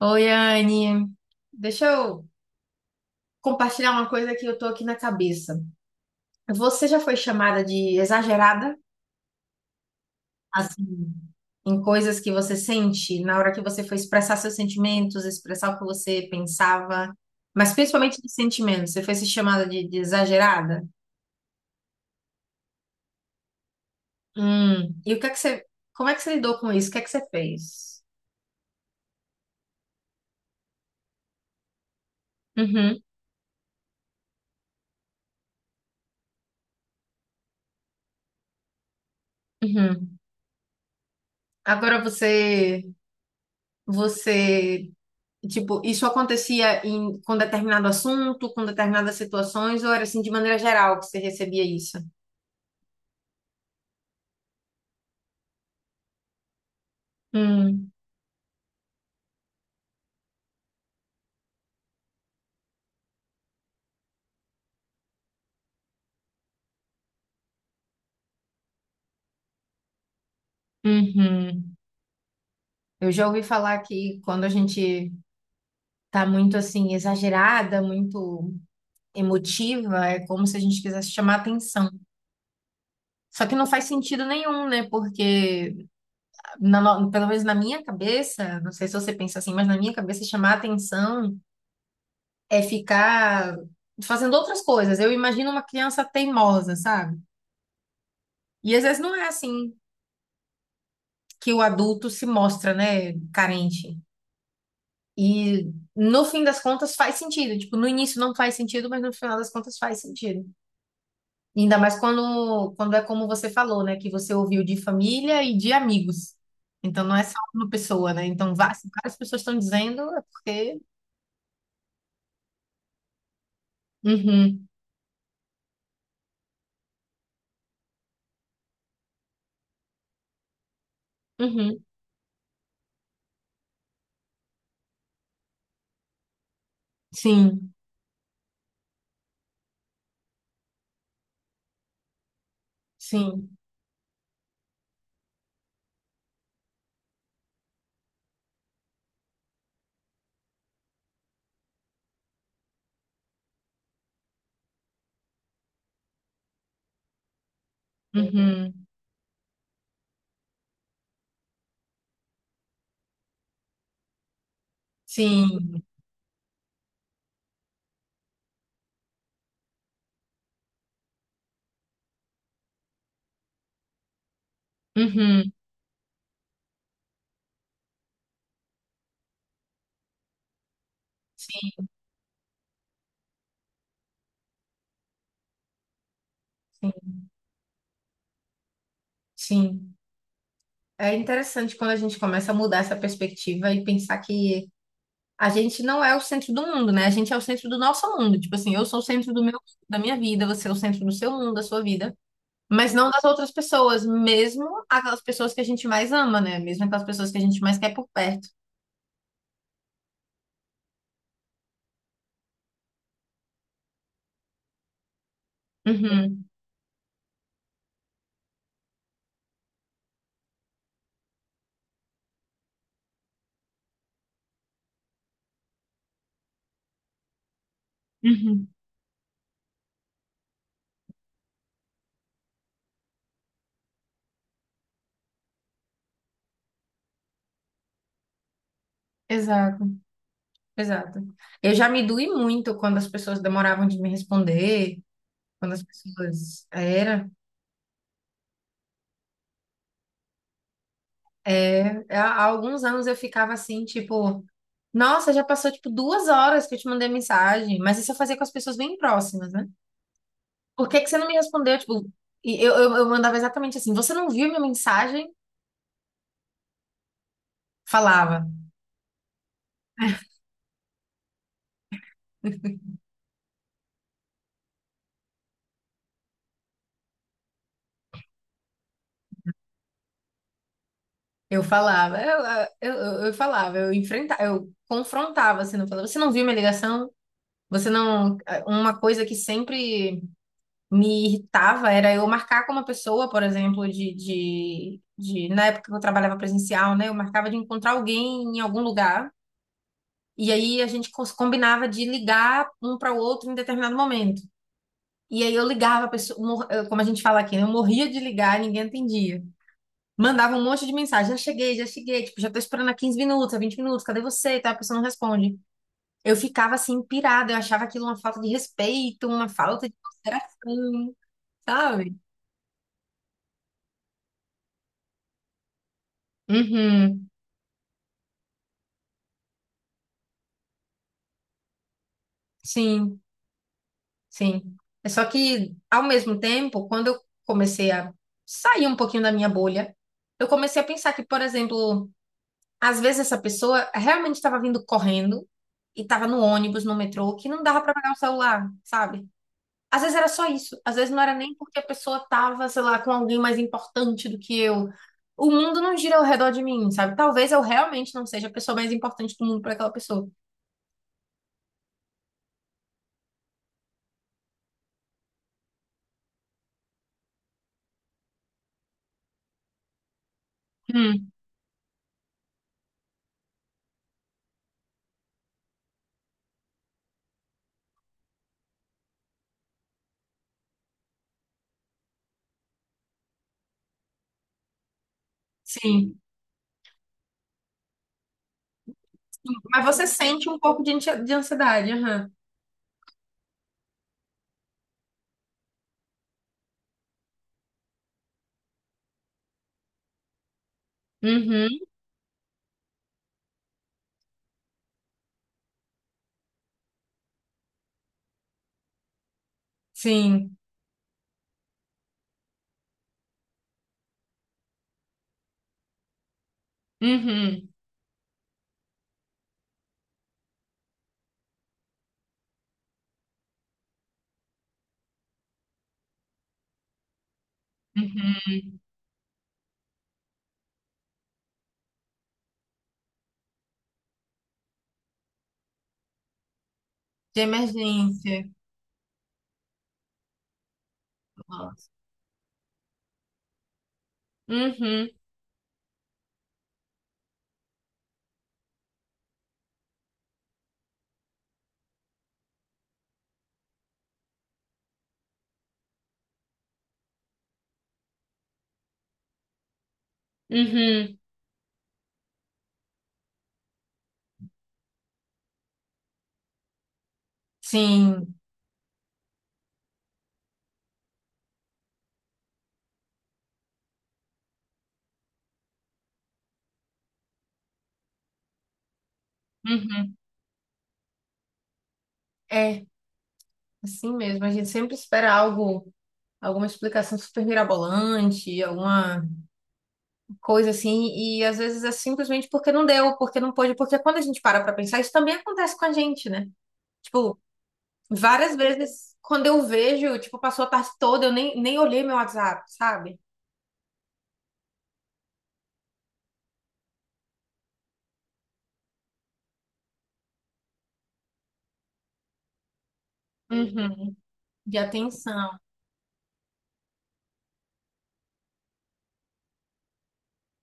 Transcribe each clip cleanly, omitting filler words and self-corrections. Oi, Anne. Deixa eu compartilhar uma coisa que eu tô aqui na cabeça. Você já foi chamada de exagerada, assim, em coisas que você sente na hora que você foi expressar seus sentimentos, expressar o que você pensava, mas principalmente de sentimentos. Você foi se chamada de exagerada? Hum. E o que é que como é que você lidou com isso? O que é que você fez? Uhum, uhum. Agora você, você tipo, isso acontecia em, com determinado assunto, com determinadas situações, ou era assim de maneira geral que você recebia isso? Hum, uhum. Eu já ouvi falar que quando a gente tá muito assim, exagerada, muito emotiva, é como se a gente quisesse chamar atenção. Só que não faz sentido nenhum, né? Porque, na no- pelo menos na minha cabeça, não sei se você pensa assim, mas na minha cabeça, chamar atenção é ficar fazendo outras coisas. Eu imagino uma criança teimosa, sabe? E às vezes não é assim que o adulto se mostra, né, carente. E no fim das contas faz sentido. Tipo, no início não faz sentido, mas no final das contas faz sentido. E ainda mais quando é como você falou, né, que você ouviu de família e de amigos. Então não é só uma pessoa, né? Então se várias pessoas estão dizendo, é porque. Uhum, uhum, sim, sim, uhum, sim, uhum, sim, sim, sim. É interessante quando a gente começa a mudar essa perspectiva e pensar que a gente não é o centro do mundo, né? A gente é o centro do nosso mundo. Tipo assim, eu sou o centro do meu, da minha vida, você é o centro do seu mundo, da sua vida, mas não das outras pessoas, mesmo aquelas pessoas que a gente mais ama, né? Mesmo aquelas pessoas que a gente mais quer por perto. Uhum, uhum. Exato, exato. Eu já me doí muito quando as pessoas demoravam de me responder, quando as pessoas. Era. É, há alguns anos eu ficava assim, tipo, nossa, já passou tipo 2 horas que eu te mandei mensagem, mas isso eu fazia com as pessoas bem próximas, né? Por que que você não me respondeu? Tipo, e eu mandava exatamente assim, você não viu minha mensagem? Falava, eu falava, eu, eu falava, eu enfrentava, eu confrontava, assim, não falava, você não viu minha ligação? Você não. É, uma coisa que sempre me irritava era eu marcar com uma pessoa, por exemplo, na época que eu trabalhava presencial, né? Eu marcava de encontrar alguém em algum lugar, e aí a gente combinava de ligar um para o outro em determinado momento. E aí eu ligava a pessoa, como a gente fala aqui, né? Eu morria de ligar e ninguém atendia. Mandava um monte de mensagem, já cheguei, tipo, já tô esperando há 15 minutos, há 20 minutos, cadê você? E tal, a pessoa não responde. Eu ficava assim, pirada, eu achava aquilo uma falta de respeito, uma falta de consideração, sabe? Uhum. Sim, sim. É só que, ao mesmo tempo, quando eu comecei a sair um pouquinho da minha bolha, eu comecei a pensar que, por exemplo, às vezes essa pessoa realmente estava vindo correndo e estava no ônibus, no metrô, que não dava para pegar o celular, sabe? Às vezes era só isso. Às vezes não era nem porque a pessoa estava, sei lá, com alguém mais importante do que eu. O mundo não gira ao redor de mim, sabe? Talvez eu realmente não seja a pessoa mais importante do mundo para aquela pessoa. Hum, sim. Mas você sente um pouco de de ansiedade, aham. Uhum. Sim. Uhum. Uhum. De emergência. Nossa. Uhum. Uhum. Sim. Uhum. É, assim mesmo. A gente sempre espera algo, alguma explicação super mirabolante, alguma coisa assim, e às vezes é simplesmente porque não deu, porque não pôde, porque quando a gente para pra pensar, isso também acontece com a gente, né? Tipo, várias vezes quando eu vejo, tipo, passou a tarde toda, eu nem, nem olhei meu WhatsApp, sabe? Uhum. De atenção.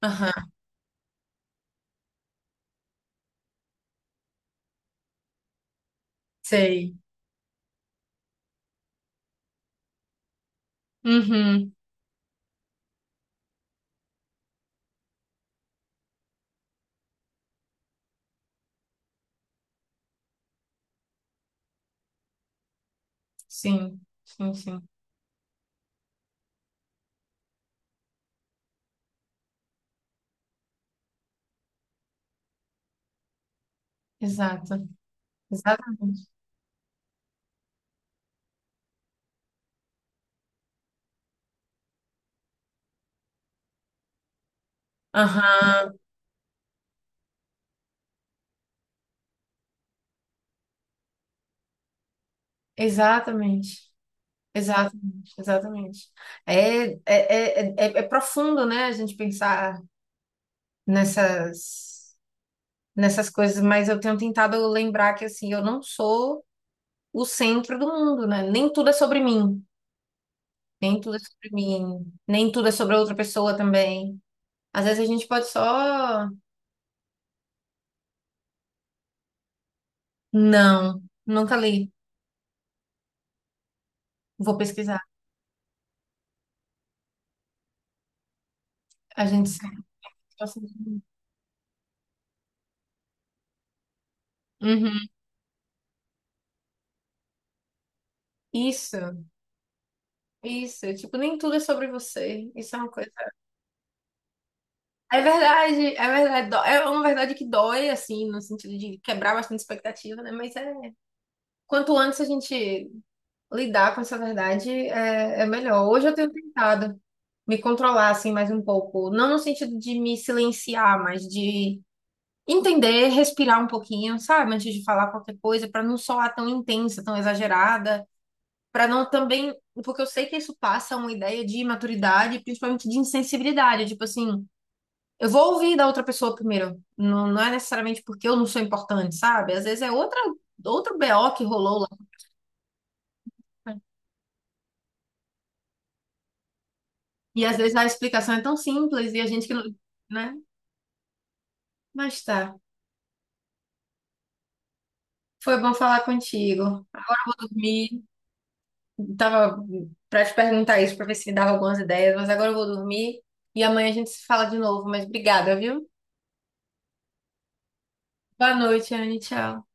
Aham, sei. Uhum, sim, sim, sim. Exato, exatamente. Aham, exatamente. Exatamente, exatamente. É profundo, né, a gente pensar nessas, nessas coisas, mas eu tenho tentado lembrar que, assim, eu não sou o centro do mundo, né? Nem tudo é sobre mim, nem tudo é sobre mim, nem tudo é sobre outra pessoa também. Às vezes a gente pode só... Não, nunca li. Vou pesquisar. A gente sabe. Uhum. Isso, isso. Tipo, nem tudo é sobre você. Isso é uma coisa. É verdade, é verdade. É uma verdade que dói, assim, no sentido de quebrar bastante expectativa, né? Mas é. Quanto antes a gente lidar com essa verdade, é, é melhor. Hoje eu tenho tentado me controlar, assim, mais um pouco. Não no sentido de me silenciar, mas de entender, respirar um pouquinho, sabe? Antes de falar qualquer coisa, para não soar tão intensa, tão exagerada. Para não também, porque eu sei que isso passa uma ideia de imaturidade, principalmente de insensibilidade, tipo assim, eu vou ouvir da outra pessoa primeiro, não, não é necessariamente porque eu não sou importante, sabe? Às vezes é outra, outro BO que rolou lá, e às vezes a explicação é tão simples e a gente que não, né? Mas tá, foi bom falar contigo. Agora eu vou dormir, tava para te perguntar isso, para ver se me dava algumas ideias, mas agora eu vou dormir e amanhã a gente se fala de novo, mas obrigada, viu? Boa noite, Anne, tchau.